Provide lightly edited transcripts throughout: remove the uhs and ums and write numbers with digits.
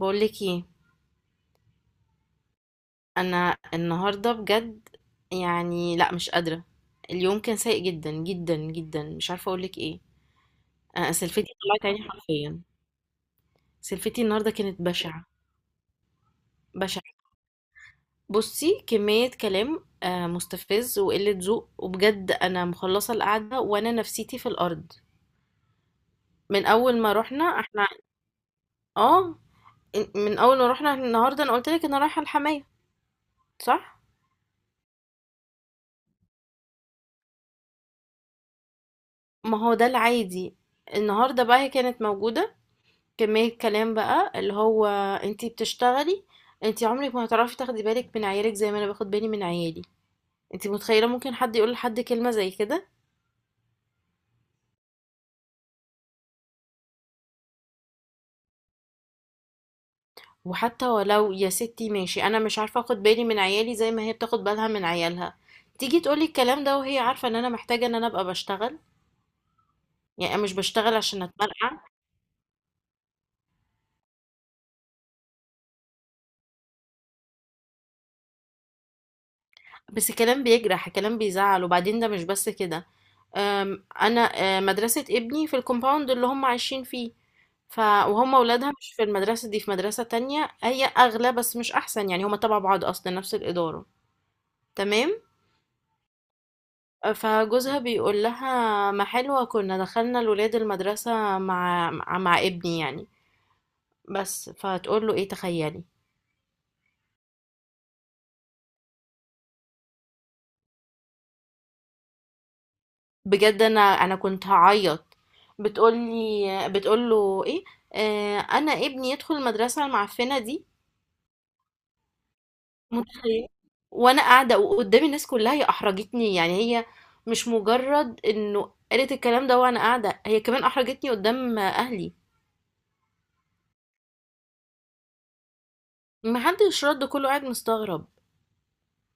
بقول لك ايه؟ انا النهارده بجد يعني لا، مش قادره. اليوم كان سيء جدا جدا جدا، مش عارفه اقول لك ايه. انا سلفتي طلعت عيني حرفيا. سلفتي النهارده كانت بشعه بشعه. بصي، كميه كلام مستفز وقله ذوق، وبجد انا مخلصه القعده وانا نفسيتي في الارض من اول ما رحنا احنا. اه، من اول ما رحنا النهارده انا قلت لك انا رايحه الحمايه، صح؟ ما هو ده العادي. النهارده بقى هي كانت موجوده، كمية كلام بقى اللي هو: انتي بتشتغلي، انتي عمرك ما هتعرفي تاخدي بالك من عيالك زي ما انا باخد بالي من عيالي. انتي متخيلة ممكن حد يقول لحد كلمة زي كده؟ وحتى ولو يا ستي، ماشي، انا مش عارفة اخد بالي من عيالي زي ما هي بتاخد بالها من عيالها، تيجي تقولي الكلام ده وهي عارفة ان انا محتاجة ان انا ابقى بشتغل. يعني انا مش بشتغل عشان اتمرقع. بس كلام بيجرح، كلام بيزعل. وبعدين ده مش بس كده. انا مدرسة ابني في الكومباوند اللي هم عايشين فيه، ف وهم ولادها مش في المدرسة دي، في مدرسة تانية هي اغلى بس مش احسن، يعني هم تبع بعض اصلا، نفس الادارة. تمام. فجوزها بيقول لها ما حلوة كنا دخلنا الولاد المدرسة مع ابني يعني. بس فتقول له ايه، تخيلي. بجد انا كنت هعيط. بتقولي بتقوله ايه؟ آه، انا ابني يدخل المدرسه المعفنه دي. متخيل؟ وانا قاعده وقدامي الناس كلها، هي احرجتني يعني، هي مش مجرد انه قالت الكلام ده وانا قاعده، هي كمان احرجتني قدام اهلي. محدش رد، كله قاعد مستغرب.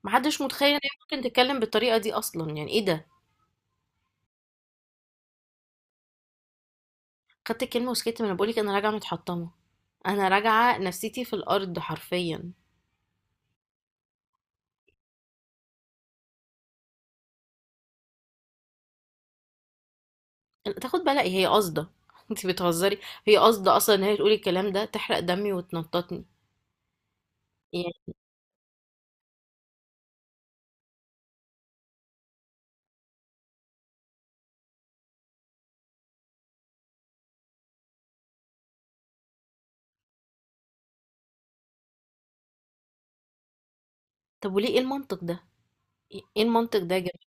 محدش متخيل ان هي ممكن تتكلم بالطريقه دي اصلا، يعني ايه ده. خدت الكلمه وسكت، ما انا بقولك انا راجعه متحطمه، انا راجعه نفسيتي في الارض حرفيا. تاخد بالك هي قاصده انت بتهزري؟ هي قاصده اصلا ان هي تقولي الكلام ده تحرق دمي وتنططني يعني. طب وليه؟ ايه المنطق ده، ايه المنطق ده يا جماعه؟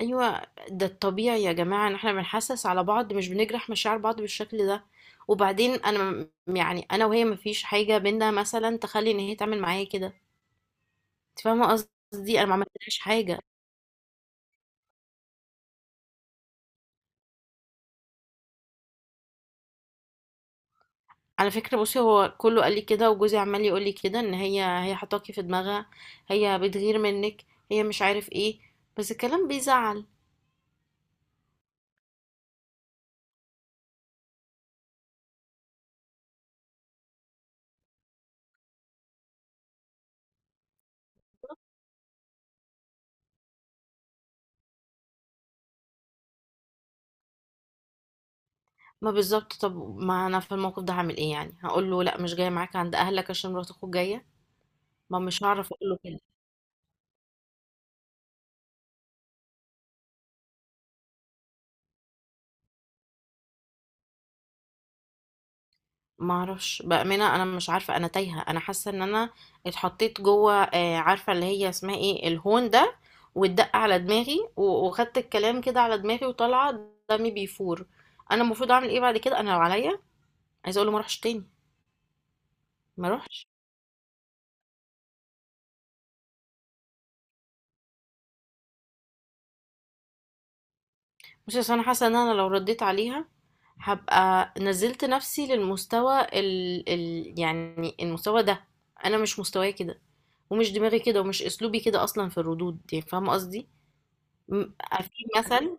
ايوه، ده الطبيعي يا جماعه، ان احنا بنحسس على بعض، مش بنجرح مشاعر بعض بالشكل ده. وبعدين انا يعني انا وهي مفيش حاجه بينا مثلا تخلي ان هي تعمل معايا كده، انت فاهمه قصدي، انا ما عملتلهاش حاجه. على فكرة بصي، هو كله قال لي كده وجوزي عمال يقول لي كده، ان هي حطاكي في دماغها، هي بتغير منك، هي مش عارف ايه. بس الكلام بيزعل. ما بالظبط، طب ما انا في الموقف ده هعمل ايه؟ يعني هقول له لا، مش جاية معاك عند اهلك عشان مرات اخوك جاية؟ ما مش هعرف اقول له كده. ما اعرفش بأمانة، انا مش عارفة، انا تايهة، انا حاسة ان انا اتحطيت جوه عارفة اللي هي اسمها ايه، الهون ده، واتدق على دماغي وخدت الكلام كده على دماغي وطالعة دمي بيفور. انا المفروض اعمل ايه بعد كده؟ انا لو عليا عايزة اقول له ما اروحش تاني، ما اروحش. بصي، اصل انا حاسة ان انا لو رديت عليها هبقى نزلت نفسي للمستوى يعني المستوى ده، انا مش مستواي كده، ومش دماغي كده، ومش اسلوبي كده اصلا في الردود، يعني فاهمة قصدي. م- في مثل.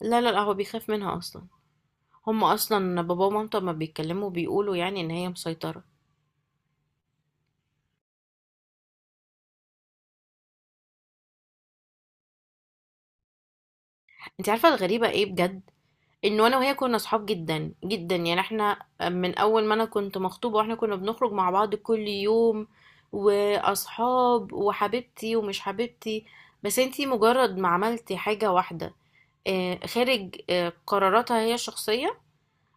لا لا لا، هو بيخاف منها اصلا. هم اصلا بابا ومامته ما بيتكلموا، بيقولوا يعني ان هي مسيطرة. انت عارفة الغريبة ايه بجد؟ انه انا وهي كنا صحاب جدا جدا، يعني احنا من اول ما انا كنت مخطوبة واحنا كنا بنخرج مع بعض كل يوم، واصحاب وحبيبتي ومش حبيبتي. بس انتي مجرد ما عملتي حاجة واحدة خارج قراراتها هي الشخصية،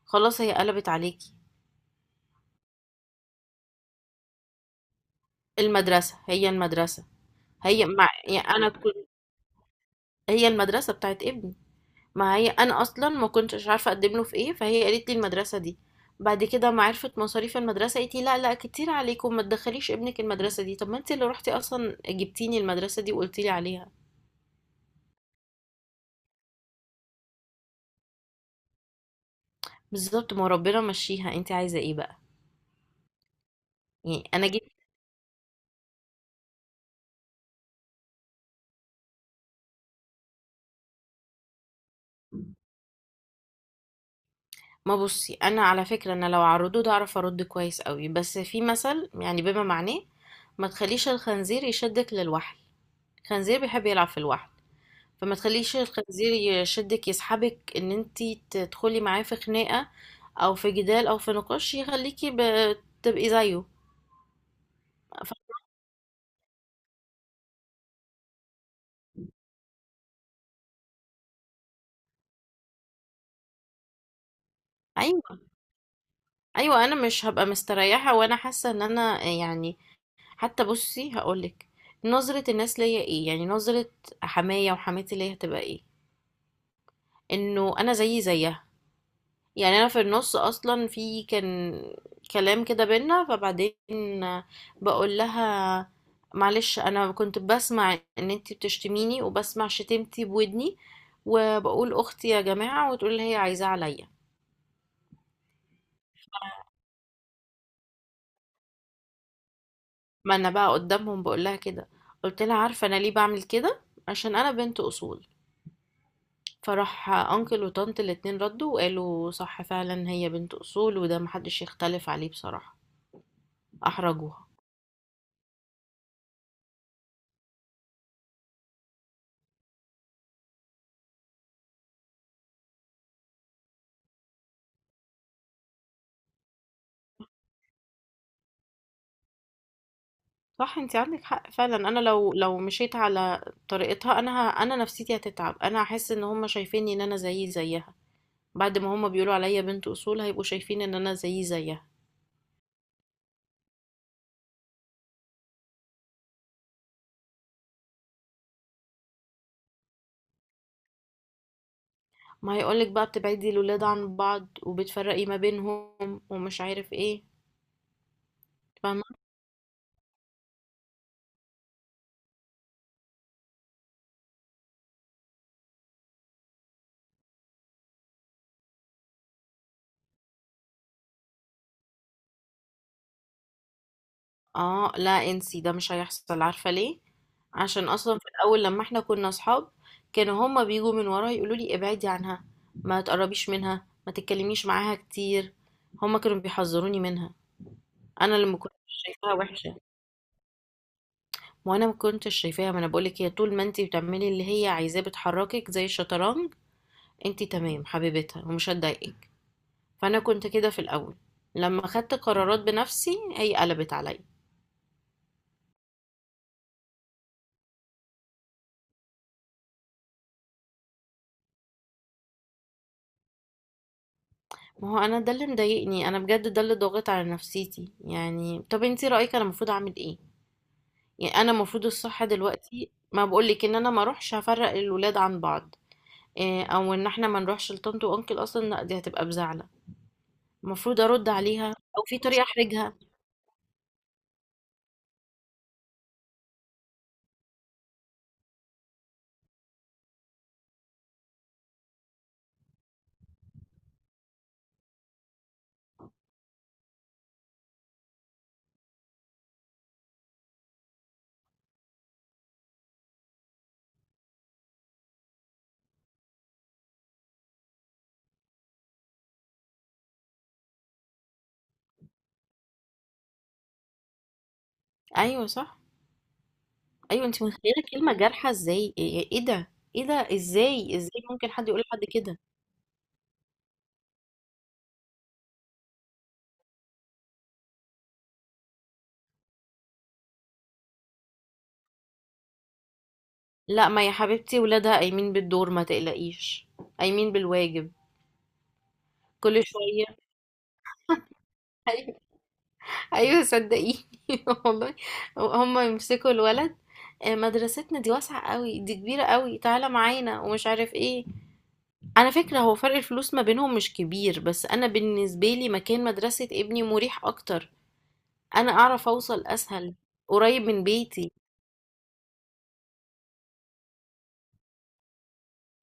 خلاص هي قلبت عليكي. المدرسة، هي المدرسة، هي مع يعني انا كنت، هي المدرسة بتاعت ابني. ما هي انا اصلا ما كنتش عارفه اقدم له في ايه، فهي قالت لي المدرسه دي. بعد كده ما عرفت مصاريف المدرسه قالت لي لا لا، كتير عليكم، ما تدخليش ابنك المدرسه دي. طب ما انت اللي رحتي اصلا جبتيني المدرسه دي وقلتي لي عليها. بالظبط، ما ربنا مشيها، انت عايزه ايه بقى؟ يعني انا جيت. ما بصي، انا على فكره انا لو عرضوه ده اعرف ارد كويس قوي، بس في مثل يعني بما معناه: ما تخليش الخنزير يشدك للوحل، الخنزير بيحب يلعب في الوحل، فما تخليش الخنزير يشدك يسحبك ان انتي تدخلي معاه في خناقة او في جدال او في نقاش يخليكي تبقي زيه. ف- ايوه، ايوه انا مش هبقى مستريحة وانا حاسة ان انا يعني، حتى بصي هقولك، نظرة الناس ليا ايه؟ يعني نظرة حماية وحماتي ليا هتبقى ايه؟ انه انا زيي زيها. يعني انا في النص اصلا في كان كلام كده بينا، فبعدين بقول لها معلش، انا كنت بسمع ان انتي بتشتميني وبسمع شتمتي بودني، وبقول اختي يا جماعة، وتقول لي هي عايزاه عليا. ما انا بقى قدامهم بقول لها كده. قلت لها عارفة انا ليه بعمل كده؟ عشان انا بنت اصول. فراح انكل وطنط الاتنين ردوا وقالوا صح فعلا، هي بنت اصول وده محدش يختلف عليه بصراحة. احرجوها. صح، انت عندك حق فعلا. انا لو مشيت على طريقتها، انا انا نفسيتي هتتعب، انا هحس ان هم شايفيني ان انا زيي زيها. بعد ما هم بيقولوا عليا بنت اصول هيبقوا شايفين ان انا زيي زيها. ما هيقولك بقى بتبعدي الولاد عن بعض وبتفرقي ما بينهم ومش عارف ايه. فاهمه. اه لا، انسي ده، مش هيحصل. عارفه ليه؟ عشان اصلا في الاول لما احنا كنا اصحاب، كانوا هما بيجوا من ورا يقولوا لي ابعدي عنها، ما تقربيش منها، ما تتكلميش معاها كتير. هما كانوا بيحذروني منها. انا اللي ما كنتش شايفاها وحشه، ما انا ما كنتش شايفاها. ما انا بقولك، هي طول ما انت بتعملي اللي هي عايزاه بتحركك زي الشطرنج، انت تمام حبيبتها ومش هتضايقك. فانا كنت كده في الاول، لما خدت قرارات بنفسي هي قلبت عليا. ما هو انا ده اللي مضايقني، انا بجد ده اللي ضاغط على نفسيتي. يعني طب انت رايك انا المفروض اعمل ايه؟ يعني انا المفروض الصح دلوقتي ما بقولك ان انا ما اروحش افرق الولاد عن بعض، او ان احنا ما نروحش لطنط وانكل اصلا، لا دي هتبقى بزعل. المفروض ارد عليها، او في طريقه احرجها؟ ايوه صح. ايوه، انت متخيله كلمه جارحه ازاي؟ ايه، إيه ده؟ ايه ده؟ ازاي، ازاي ممكن حد يقول لحد كده؟ لا ما يا حبيبتي، ولادها قايمين بالدور ما تقلقيش، قايمين بالواجب كل شويه. ايوه. أيوة صدقيني والله. هم يمسكوا الولد مدرستنا دي واسعه قوي، دي كبيره قوي، تعالى معانا ومش عارف ايه. على فكره هو فرق الفلوس ما بينهم مش كبير، بس انا بالنسبه لي مكان مدرسه ابني مريح اكتر، انا اعرف اوصل اسهل، قريب من بيتي.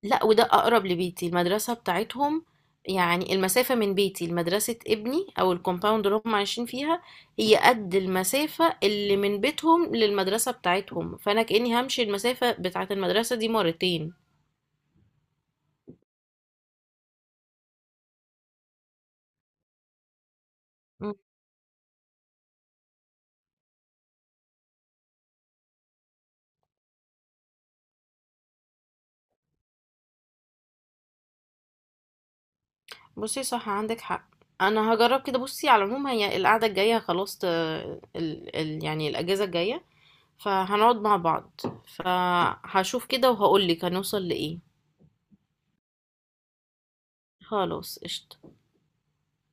لا، وده اقرب لبيتي المدرسة بتاعتهم، يعني المسافة من بيتي لمدرسة ابني او الكومباوند اللي هم عايشين فيها، هي قد المسافة اللي من بيتهم للمدرسة بتاعتهم، فانا كأني همشي المسافة بتاعت المدرسة دي مرتين. مم. بصي، صح عندك حق، انا هجرب كده. بصي على العموم هي القعدة الجاية خلاص، يعني الاجازة الجاية، فهنقعد مع بعض، فهشوف كده وهقولك هنوصل لإيه. خلاص قشطة.